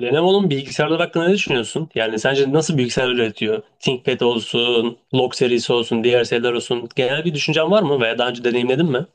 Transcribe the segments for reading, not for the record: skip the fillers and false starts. Lenovo'nun bilgisayarları hakkında ne düşünüyorsun? Yani sence nasıl bilgisayar üretiyor? ThinkPad olsun, Log serisi olsun, diğer seriler olsun. Genel bir düşüncen var mı veya daha önce deneyimledin mi?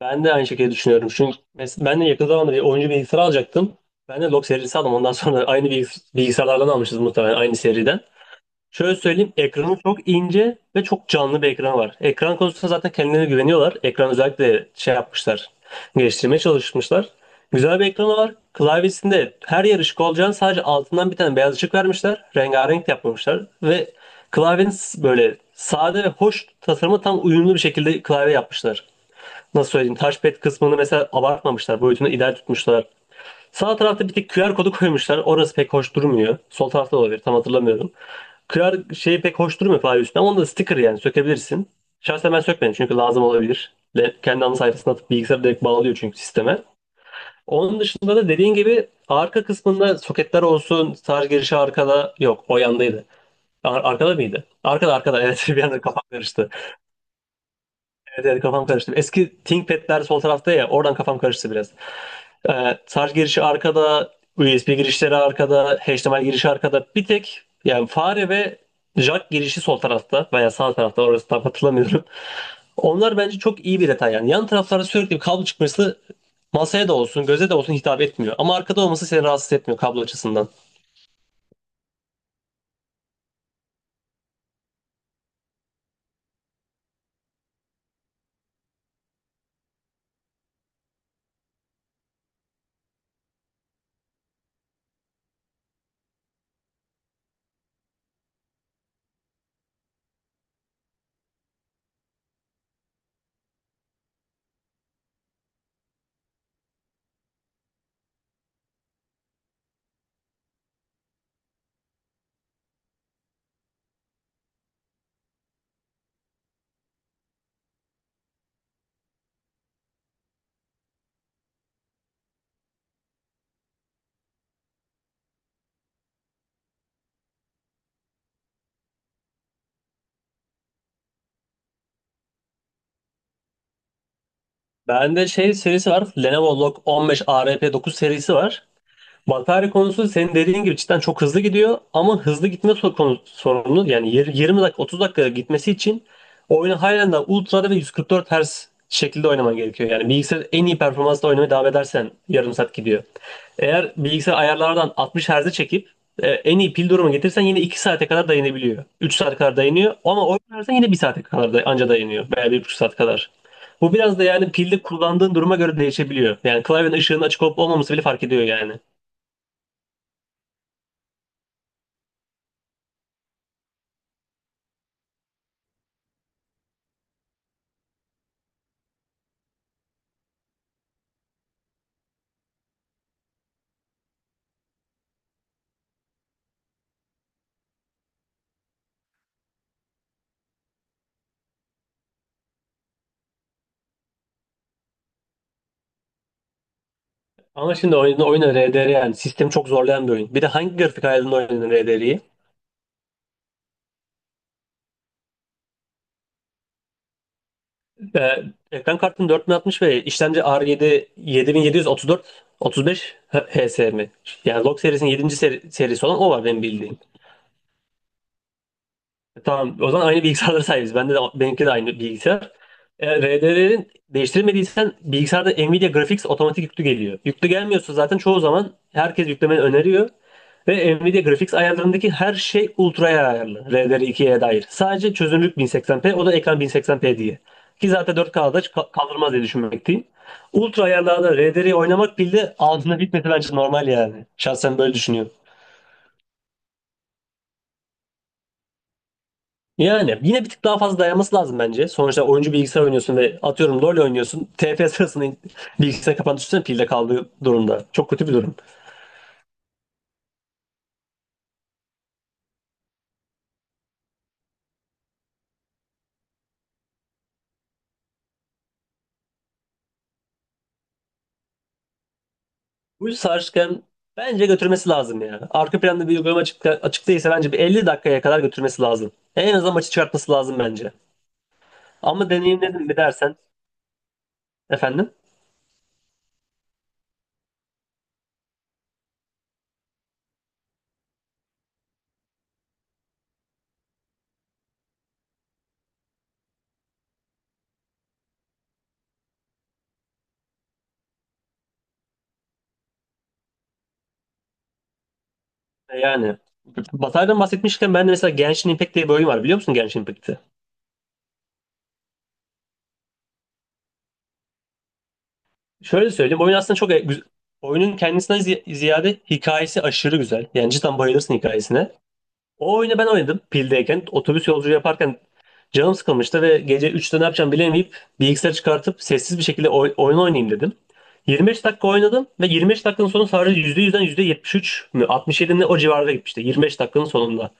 Ben de aynı şekilde düşünüyorum. Çünkü ben de yakın zamanda bir oyuncu bilgisayarı alacaktım. Ben de Log serisi aldım. Ondan sonra aynı bilgisayarlardan almışız muhtemelen aynı seriden. Şöyle söyleyeyim, ekranı çok ince ve çok canlı bir ekran var. Ekran konusunda zaten kendilerine güveniyorlar. Ekran özellikle şey yapmışlar, geliştirmeye çalışmışlar. Güzel bir ekranı var. Klavyesinde her yer ışık olacağını sadece altından bir tane beyaz ışık vermişler. Rengarenk yapmamışlar ve klavyenin böyle sade ve hoş tasarımı tam uyumlu bir şekilde klavye yapmışlar. Nasıl söyleyeyim, touchpad kısmını mesela abartmamışlar, boyutunu ideal tutmuşlar. Sağ tarafta bir tek QR kodu koymuşlar. Orası pek hoş durmuyor. Sol tarafta da olabilir, tam hatırlamıyorum. Kırar şey pek hoş durmuyor klavye üstüne ama onda da sticker yani sökebilirsin. Şahsen ben sökmedim çünkü lazım olabilir. Kendi ana sayfasına atıp bilgisayara direkt bağlıyor çünkü sisteme. Onun dışında da dediğin gibi arka kısmında soketler olsun, şarj girişi arkada yok, o yandaydı. Arkada mıydı? Arkada, arkada evet, bir anda kafam karıştı. Evet, evet, kafam karıştı. Eski ThinkPad'ler sol tarafta ya, oradan kafam karıştı biraz. Şarj girişi arkada, USB girişleri arkada, HDMI girişi arkada. Bir tek yani fare ve jack girişi sol tarafta veya sağ tarafta, orası tam hatırlamıyorum. Onlar bence çok iyi bir detay yani. Yan taraflarda sürekli bir kablo çıkması masaya da olsun, göze de olsun hitap etmiyor. Ama arkada olması seni rahatsız etmiyor kablo açısından. Bende şey serisi var. Lenovo Log 15 ARP 9 serisi var. Vampire konusu senin dediğin gibi cidden çok hızlı gidiyor, ama hızlı gitme sorunu yani 20 dakika 30 dakika gitmesi için oyunu halen daha ultra'da ve 144 Hz şekilde oynaman gerekiyor. Yani bilgisayar en iyi performansla oynamaya devam edersen yarım saat gidiyor. Eğer bilgisayar ayarlardan 60 Hz'e çekip en iyi pil durumu getirsen yine 2 saate kadar dayanabiliyor. 3 saat kadar dayanıyor, ama oynarsan yine bir saate kadar da anca dayanıyor veya 1,5 saat kadar. Bu biraz da yani pilde kullandığın duruma göre değişebiliyor. Yani klavyenin ışığının açık olup olmaması bile fark ediyor yani. Ama şimdi oyun, RDR yani sistemi çok zorlayan bir oyun. Bir de hangi grafik ayarında oynadın RDR'yi? Ee, Ekran kartın 4060 ve işlemci R7 7734 35 HS mi? Yani Log serisinin yedinci serisi olan o var benim bildiğim. Tamam. O zaman aynı bilgisayarlara sahibiz. Bende de, benimki de aynı bilgisayar. RDR'lerin değiştirmediysen bilgisayarda Nvidia Graphics otomatik yüklü geliyor. Yüklü gelmiyorsa zaten çoğu zaman herkes yüklemeni öneriyor. Ve Nvidia Graphics ayarlarındaki her şey ultra'ya ayarlı. RDR ikiye dair. Sadece çözünürlük 1080p, o da ekran 1080p diye. Ki zaten 4K'da kaldırmaz diye düşünmekteyim. Ultra ayarlarda RDR'yi oynamak bile altında bitmesi bence normal yani. Şahsen böyle düşünüyorum. Yani yine bir tık daha fazla dayanması lazım bence. Sonuçta oyuncu bilgisayar oynuyorsun ve atıyorum LoL oynuyorsun. TP sırasında bilgisayar kapandı düşünsene pilde kaldığı durumda. Çok kötü bir durum. Bu yüzden sarışken bence götürmesi lazım ya. Arka planda bir uygulama açık, açık değilse bence bir 50 dakikaya kadar götürmesi lazım. En azından maçı çıkartması lazım bence. Ama deneyimledim mi dersen, efendim, yani bataydan bahsetmişken ben de mesela Genshin Impact diye bir oyun var, biliyor musun Genshin Impact'i? Şöyle söyleyeyim. Oyun aslında çok güzel. Oyunun kendisinden ziyade hikayesi aşırı güzel. Yani cidden bayılırsın hikayesine. O oyunu ben oynadım pildeyken. Otobüs yolculuğu yaparken canım sıkılmıştı ve gece üçte ne yapacağım bilemeyip bilgisayarı çıkartıp sessiz bir şekilde oyun oynayayım dedim. 25 dakika oynadım ve 25 dakikanın sonu sadece %100'den %73 mü, 67 mi, o civarda gitmişti. 25 dakikanın sonunda.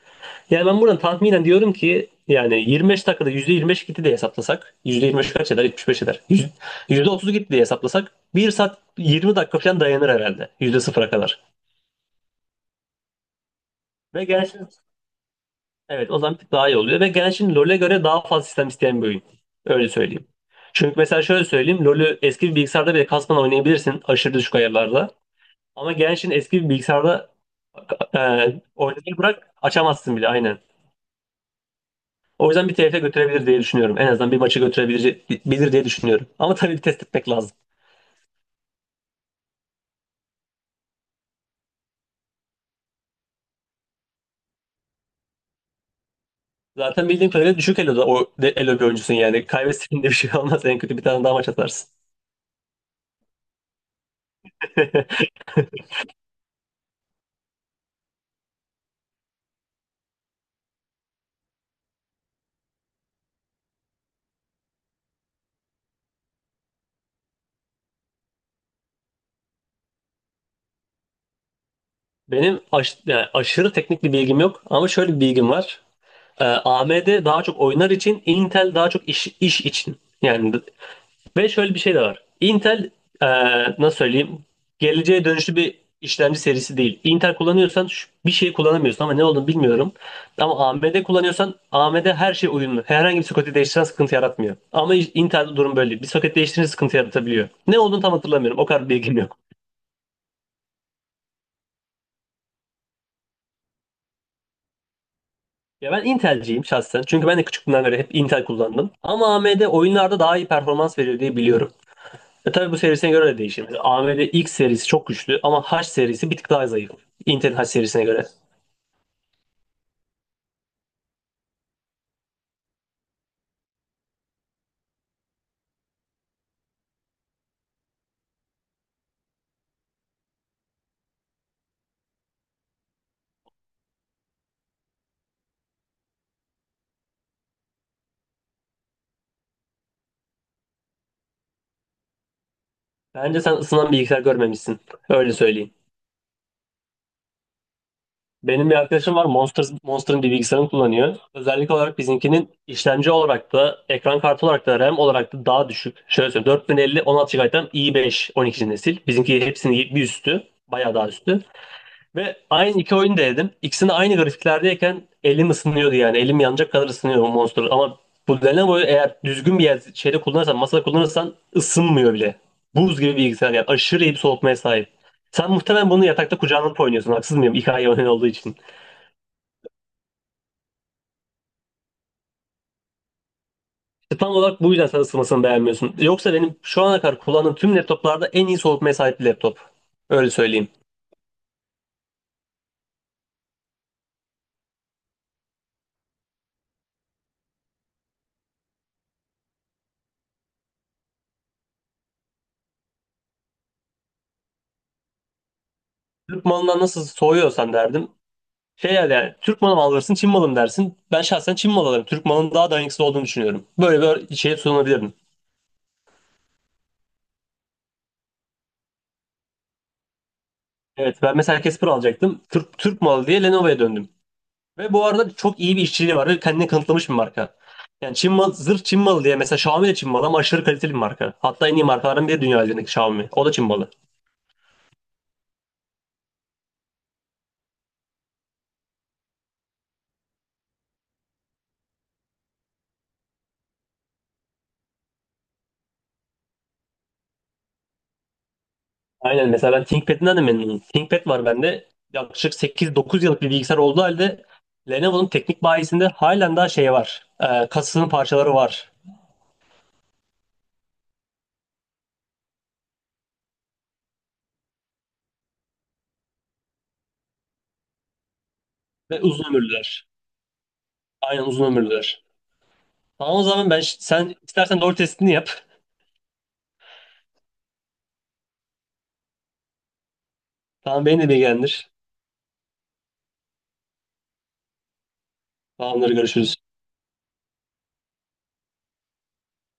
Yani ben buradan tahminen diyorum ki yani 25 dakikada %25 gitti diye hesaplasak, %25 kaç eder? 75 eder. %30 gitti diye hesaplasak bir saat 20 dakika falan dayanır herhalde %0'a kadar. Ve Genshin, evet, o zaman bir tık daha iyi oluyor ve Genshin LoL'e göre daha fazla sistem isteyen bir oyun. Öyle söyleyeyim. Çünkü mesela şöyle söyleyeyim, LoL'ü eski bir bilgisayarda bile kasmadan oynayabilirsin aşırı düşük ayarlarda. Ama Genshin eski bir bilgisayarda e, oynamayı bırak, açamazsın bile, aynen. O yüzden bir TFF götürebilir diye düşünüyorum. En azından bir maçı götürebilir bilir diye düşünüyorum. Ama tabii bir test etmek lazım. Zaten bildiğim kadarıyla düşük eloda o elo bir oyuncusun yani. Kaybettiğinde bir şey olmaz. En kötü bir tane daha maç atarsın. Benim yani aşırı teknik bir bilgim yok ama şöyle bir bilgim var. AMD daha çok oyunlar için, Intel daha çok iş için. Yani ve şöyle bir şey de var. Intel e, nasıl söyleyeyim? Geleceğe dönüşlü bir işlemci serisi değil. Intel kullanıyorsan bir şey kullanamıyorsun ama ne olduğunu bilmiyorum. Ama AMD kullanıyorsan AMD her şey uyumlu. Herhangi bir soketi değiştiren sıkıntı yaratmıyor. Ama Intel'de durum böyle değil. Bir soket değiştirince sıkıntı yaratabiliyor. Ne olduğunu tam hatırlamıyorum. O kadar bilgim yok. Ya ben Intel'ciyim şahsen. Çünkü ben de küçüklüğümden beri hep Intel kullandım. Ama AMD oyunlarda daha iyi performans veriyor diye biliyorum. E tabii bu serisine göre de değişir. AMD X serisi çok güçlü ama H serisi bir tık daha zayıf. Intel H serisine göre. Bence sen ısınan bilgisayar görmemişsin. Öyle söyleyeyim. Benim bir arkadaşım var, Monster, Monster'ın bir bilgisayarını kullanıyor. Özellik olarak bizimkinin işlemci olarak da, ekran kartı olarak da, RAM olarak da daha düşük. Şöyle söyleyeyim, 4050 16 GB'den i5 12. nesil. Bizimki hepsinin bir üstü. Bayağı daha üstü. Ve aynı iki oyunu da denedim. İkisini aynı grafiklerdeyken elim ısınıyordu yani. Elim yanacak kadar ısınıyor o Monster. Ama bu Lenovo'yu eğer düzgün bir yer, şeyde kullanırsan, masada kullanırsan ısınmıyor bile. Buz gibi bir bilgisayar yani. Aşırı iyi bir soğutmaya sahip. Sen muhtemelen bunu yatakta kucağına alıp oynuyorsun. Haksız mıyım? 2 ay oyun olduğu için. İşte tam olarak bu yüzden sen ısınmasını beğenmiyorsun. Yoksa benim şu ana kadar kullandığım tüm laptoplarda en iyi soğutmaya sahip bir laptop. Öyle söyleyeyim. Türk malından nasıl soğuyorsan derdim. Şey yani, yani Türk malı mı alırsın, Çin malı mı dersin? Ben şahsen Çin malı alırım. Türk malının daha dayanıksız olduğunu düşünüyorum. Böyle bir şeye sunabilirdim. Evet, ben mesela Casper alacaktım. Türk malı diye Lenovo'ya döndüm. Ve bu arada çok iyi bir işçiliği var ve kendini kanıtlamış bir marka. Yani Çin malı, zırh Çin malı diye, mesela Xiaomi de Çin malı ama aşırı kaliteli bir marka. Hatta en iyi markaların biri dünya üzerindeki Xiaomi. O da Çin malı. Aynen, mesela ben ThinkPad'inden de memnunum. ThinkPad var bende. Yaklaşık 8-9 yıllık bir bilgisayar olduğu halde Lenovo'nun teknik bayisinde halen daha şey var. Kasasının parçaları var. Ve uzun ömürlüler. Aynen uzun ömürlüler. Tamam, o zaman ben, sen istersen doğru testini yap. Tamam, beni de bilgilendir. Tamamdır, görüşürüz.